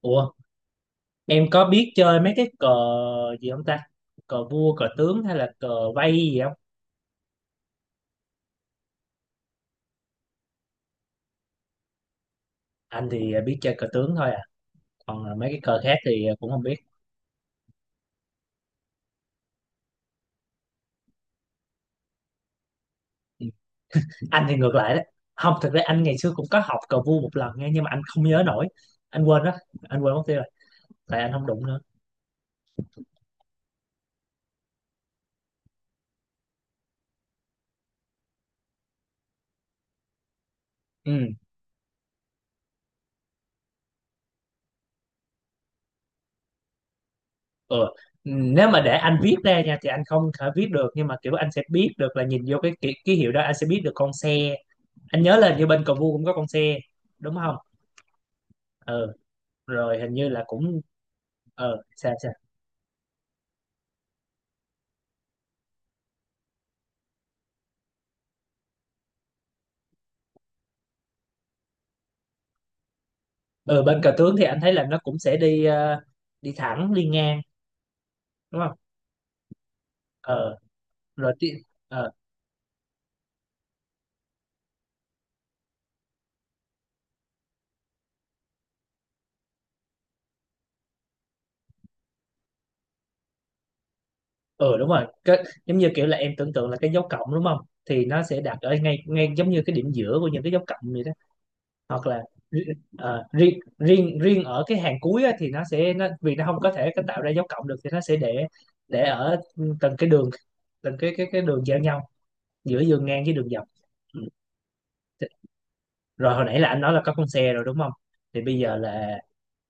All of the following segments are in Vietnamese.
Ủa, em có biết chơi mấy cái cờ gì không ta? Cờ vua, cờ tướng hay là cờ vây gì không? Anh thì biết chơi cờ tướng thôi à. Còn là mấy cái cờ khác thì cũng không biết. Anh thì ngược lại đấy. Không, thực ra anh ngày xưa cũng có học cờ vua một lần nha, nhưng mà anh không nhớ nổi. Anh quên đó, anh quên mất tiêu rồi. Tại anh không đụng nữa. Ừ, ừ. Nếu mà để anh viết ra nha thì anh không thể viết được, nhưng mà kiểu anh sẽ biết được là nhìn vô cái ký hiệu đó anh sẽ biết được con xe. Anh nhớ là như bên cờ vua cũng có con xe đúng không. Ừ, rồi hình như là cũng sao sao. Ờ, bên cờ tướng thì anh thấy là nó cũng sẽ đi, đi thẳng, đi ngang, đúng không. Ờ rồi ti- ờ ờ Đúng rồi. Cái, giống như kiểu là em tưởng tượng là cái dấu cộng đúng không, thì nó sẽ đặt ở ngay ngay giống như cái điểm giữa của những cái dấu cộng vậy đó. Hoặc là, ri- ờ, riêng riêng riêng ở cái hàng cuối á, thì nó, sẽ nó vì nó không có thể cái tạo ra dấu cộng được, thì nó sẽ để ở từng cái đường, từng cái đường giao nhau giữa đường ngang với đường dọc. Ừ. Rồi hồi nãy là anh nói là có con xe rồi đúng không, thì bây giờ là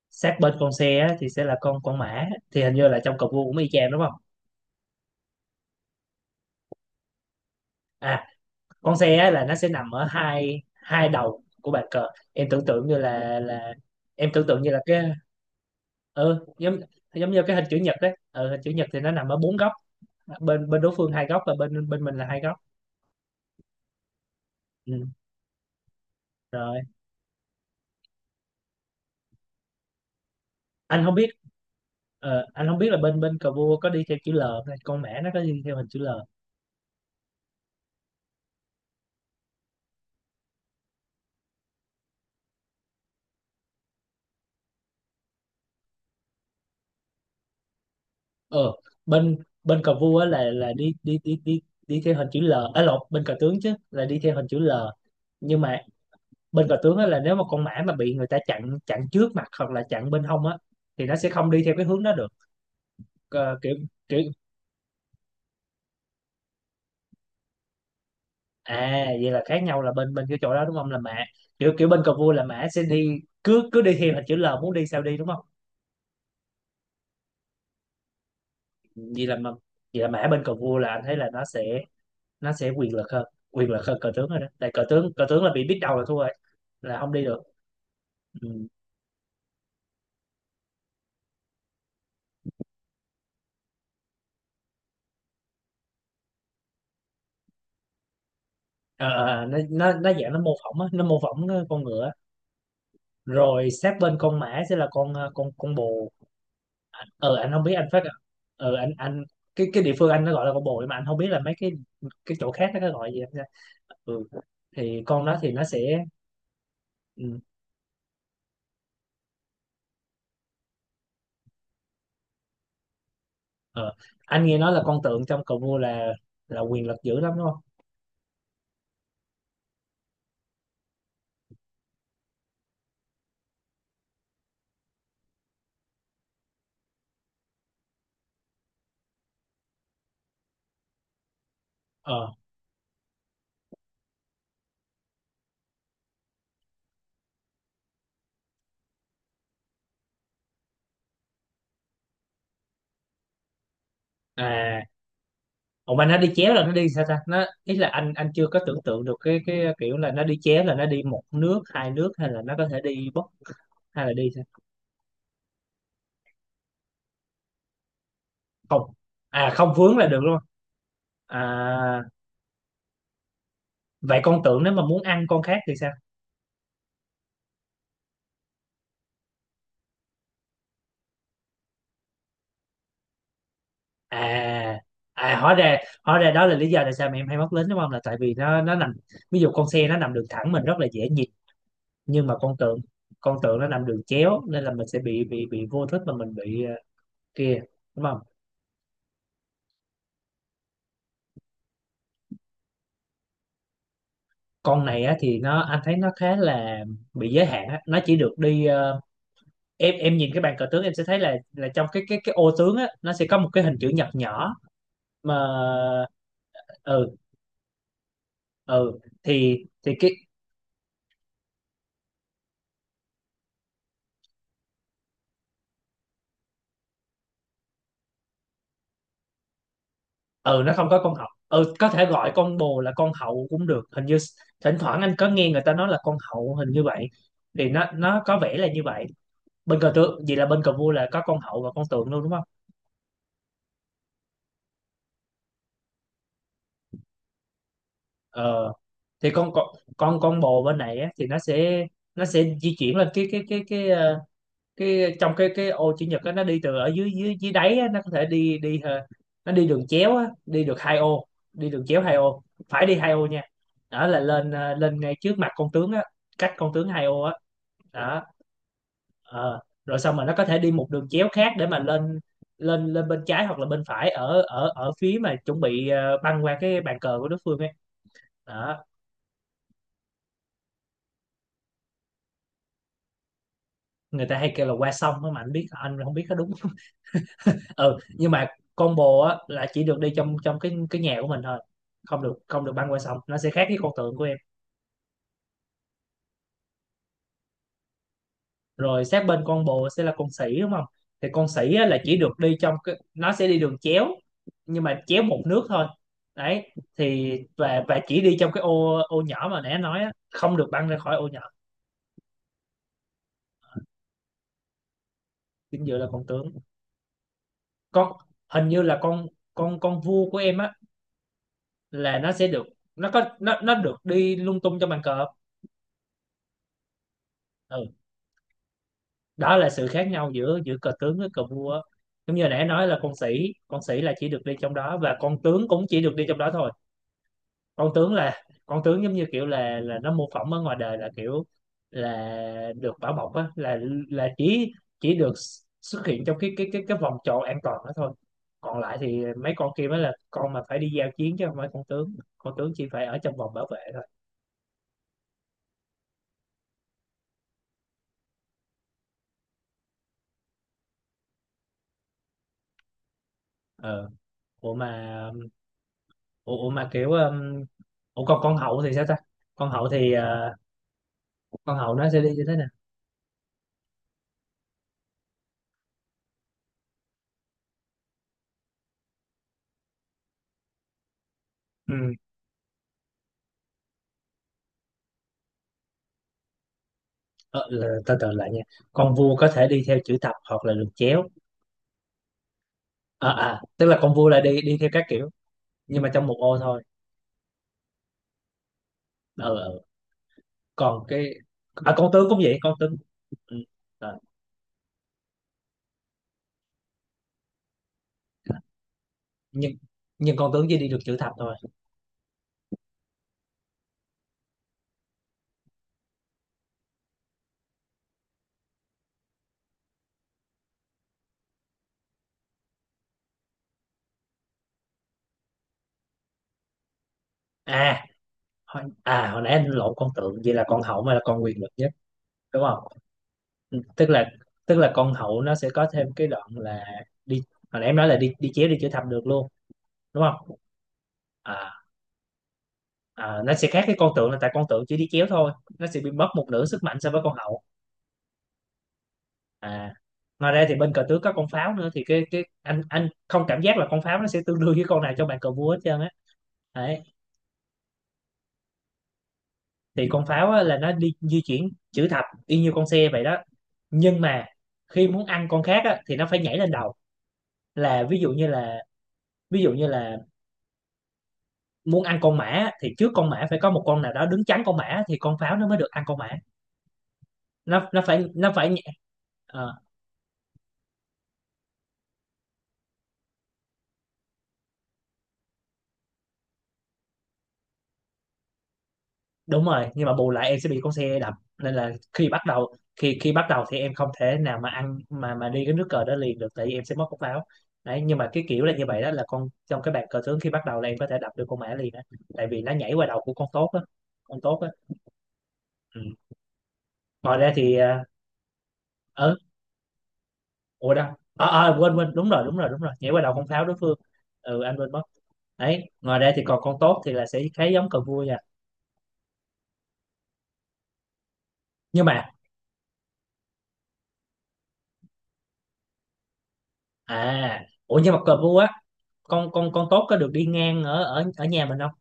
sát bên con xe á, thì sẽ là con mã, thì hình như là trong cờ vua cũng y chang đúng không. À, con xe á, là nó sẽ nằm ở hai hai đầu của bàn cờ. Em tưởng tượng như là em tưởng tượng như là cái, ừ, giống giống như cái hình chữ nhật đấy. Ừ, hình chữ nhật thì nó nằm ở bốn góc, bên bên đối phương hai góc và bên bên mình là hai góc. Ừ, rồi anh không biết anh không biết là bên bên cờ vua có đi theo chữ L không ta? Con mã nó có đi theo hình chữ L. ờ bên bên cờ vua á là đi, đi đi đi đi theo hình chữ L, à lộn, bên cờ tướng chứ, là đi theo hình chữ L. Nhưng mà bên cờ tướng á là nếu mà con mã mà bị người ta chặn chặn trước mặt hoặc là chặn bên hông á, thì nó sẽ không đi theo cái hướng đó được. Ờ, kiểu kiểu à vậy là khác nhau là bên bên cái chỗ đó đúng không, là mã. Kiểu kiểu bên cờ vua là mã sẽ đi, cứ cứ đi theo hình chữ L muốn đi sao đi đúng không. Vậy là mà vậy là mã bên cờ vua là anh thấy là nó sẽ quyền lực hơn, quyền lực hơn cờ tướng rồi đó, tại cờ tướng là bị biết đầu là thua rồi, là không đi được. Ừ. Ờ, ờ, ờ, nó dạng nó mô phỏng á, nó mô phỏng ờ, con ngựa. Rồi sát bên con mã sẽ là con bồ. Ờ anh không biết, anh phát, anh, cái địa phương anh nó gọi là con bồ, nhưng mà anh không biết là mấy cái chỗ khác nó gọi gì anh nha. Ừ. Thì con đó thì nó sẽ, ừ, ờ, anh nghe nói là con tượng trong cờ vua là quyền lực dữ lắm đúng không. ờ À, ủa mà nó đi chéo là nó đi sao ta, nó ý là anh chưa có tưởng tượng được cái kiểu là nó đi chéo là nó đi một nước, hai nước, hay là nó có thể đi bất, hay là đi sao. Không, à không, vướng là được luôn. À vậy con tưởng nếu mà muốn ăn con khác thì sao. À à, hóa ra đó là lý do tại sao mà em hay mắc lính đúng không, là tại vì nó nằm, ví dụ con xe nó nằm đường thẳng mình rất là dễ nhìn, nhưng mà con tượng nó nằm đường chéo, nên là mình sẽ bị vô thức mà mình bị, kia, đúng không. Con này á thì nó anh thấy nó khá là bị giới hạn á, nó chỉ được đi, em nhìn cái bàn cờ tướng em sẽ thấy là trong cái ô tướng á nó sẽ có một cái hình chữ nhật nhỏ mà. Ừ, ừ, thì cái, ừ, nó không có con hậu. Ừ, có thể gọi con bồ là con hậu cũng được hình như. Thỉnh thoảng anh có nghe người ta nói là con hậu, hình như vậy, thì nó có vẻ là như vậy. Bên cờ tướng, vậy là bên cờ vua là có con hậu và con tượng luôn đúng không. Ờ, thì con bồ bên này á, thì nó sẽ di chuyển lên cái, trong cái ô chữ nhật á, nó đi từ ở dưới dưới dưới đáy á, nó có thể đi đi ờ, nó đi đường chéo á, đi được hai ô. Đi đường chéo hai ô, phải đi hai ô nha, đó là lên, lên ngay trước mặt con tướng á, cách con tướng hai ô á, đó. Ờ. Rồi xong mà nó có thể đi một đường chéo khác để mà lên, lên bên trái hoặc là bên phải ở ở ở phía mà chuẩn bị, băng qua cái bàn cờ của đối phương ấy, đó. Người ta hay kêu là qua sông á mà anh biết, anh không biết có đúng. Ừ, nhưng mà combo á là chỉ được đi trong trong cái nhà của mình thôi, không được, không được băng qua sông, nó sẽ khác với con tượng của em. Rồi sát bên con bồ sẽ là con sỉ đúng không, thì con sỉ á, là chỉ được đi trong cái, nó sẽ đi đường chéo, nhưng mà chéo một nước thôi, đấy. Thì và chỉ đi trong cái ô ô nhỏ mà nãy anh nói á, không được băng ra khỏi ô nhỏ. Chính giữa là con tướng. Con hình như là con con con vua của em á, là nó sẽ được, nó có, nó được đi lung tung trong bàn cờ. Ừ, đó là sự khác nhau giữa giữa cờ tướng với cờ vua á. Giống như nãy nói là con sĩ là chỉ được đi trong đó, và con tướng cũng chỉ được đi trong đó thôi. Con tướng là con tướng giống như kiểu là nó mô phỏng ở ngoài đời, là kiểu là được bảo bọc á, là là chỉ chỉ được xuất hiện trong cái vòng tròn an toàn đó thôi. Còn lại thì mấy con kia mới là con mà phải đi giao chiến, chứ không phải con tướng. Con tướng chỉ phải ở trong vòng bảo vệ thôi. ờ Ủa mà, ủa, ủa mà kiểu ủa còn con hậu thì sao ta. Con hậu thì ờ, Con hầu nó sẽ đi như thế nào. Ừ. ờ, là, từ từ lại nha, con vua có thể đi theo chữ thập hoặc là được chéo. À, à, tức là con vua là đi đi theo các kiểu, nhưng mà trong một ô thôi. Ờ, ờ. Còn cái, con tướng cũng vậy, con tướng. Ừ. Ờ, nhưng nhưng con tướng chỉ đi được chữ thập thôi. À hồi, à hồi nãy anh lộn con tượng, vậy là con hậu mới là con quyền lực nhất đúng không. Ừ, tức là con hậu nó sẽ có thêm cái đoạn là đi, hồi nãy em nói là đi đi chéo, đi chữ thập được luôn, đúng không. À. Ờ, nó sẽ khác với con tượng là tại con tượng chỉ đi chéo thôi, nó sẽ bị mất một nửa sức mạnh so với con hậu. À, ngoài ra thì bên cờ tướng có con pháo nữa, thì cái anh không cảm giác là con pháo nó sẽ tương đương với con nào trong bàn cờ vua hết trơn á, đấy. Thì con pháo á, là nó đi di chuyển chữ thập y như con xe vậy đó, nhưng mà khi muốn ăn con khác á, thì nó phải nhảy lên đầu. Là ví dụ như là, ví dụ như là muốn ăn con mã á, thì trước con mã phải có một con nào đó đứng chắn con mã, thì con pháo nó mới được ăn con mã. Nó phải. Đúng rồi, nhưng mà bù lại em sẽ bị con xe đập, nên là khi bắt đầu, khi khi bắt đầu thì em không thể nào mà ăn, mà đi cái nước cờ đó liền được, tại vì em sẽ mất cốc pháo, đấy. Nhưng mà cái kiểu là như vậy đó, là con trong cái bàn cờ tướng khi bắt đầu là em có thể đập được con mã liền á, tại vì nó nhảy qua đầu của con tốt á. Ừ. Ngoài ra thì ừ, ủa đâu, quên quên đúng rồi, đúng rồi, đúng rồi, nhảy qua đầu con pháo đối phương. Ừ, anh quên mất, đấy. Ngoài ra thì còn con tốt thì là sẽ khá giống cờ vua nha. Nhưng mà, cờ vua á, con tốt có được đi ngang ở ở ở nhà mình không.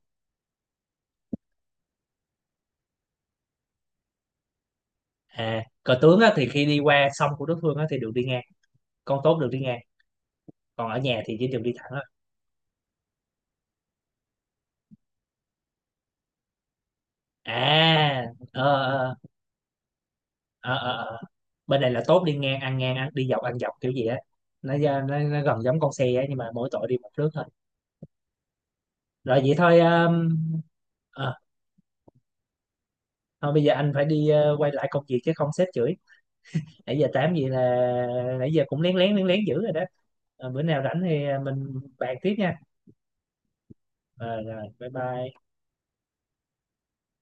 À, cờ tướng á, thì khi đi qua sông của đối phương á, thì được đi ngang, con tốt được đi ngang, còn ở nhà thì chỉ được đi thẳng thôi. À, ờ, ờ, ờ, ờ, ờ. Ờ. Bên này là tốt đi ngang ăn ngang, ăn đi dọc ăn dọc kiểu gì á, nó, ra- nó gần giống con xe á, nhưng mà mỗi tội đi một nước thôi. Rồi vậy thôi. Ờ, Thôi bây giờ anh phải đi, quay lại công việc chứ không sếp chửi. Nãy giờ tám gì là, nãy giờ cũng lén lén lén lén dữ rồi đó. Ờ, bữa nào rảnh thì, mình bàn tiếp nha. Ờ, rồi bye bye.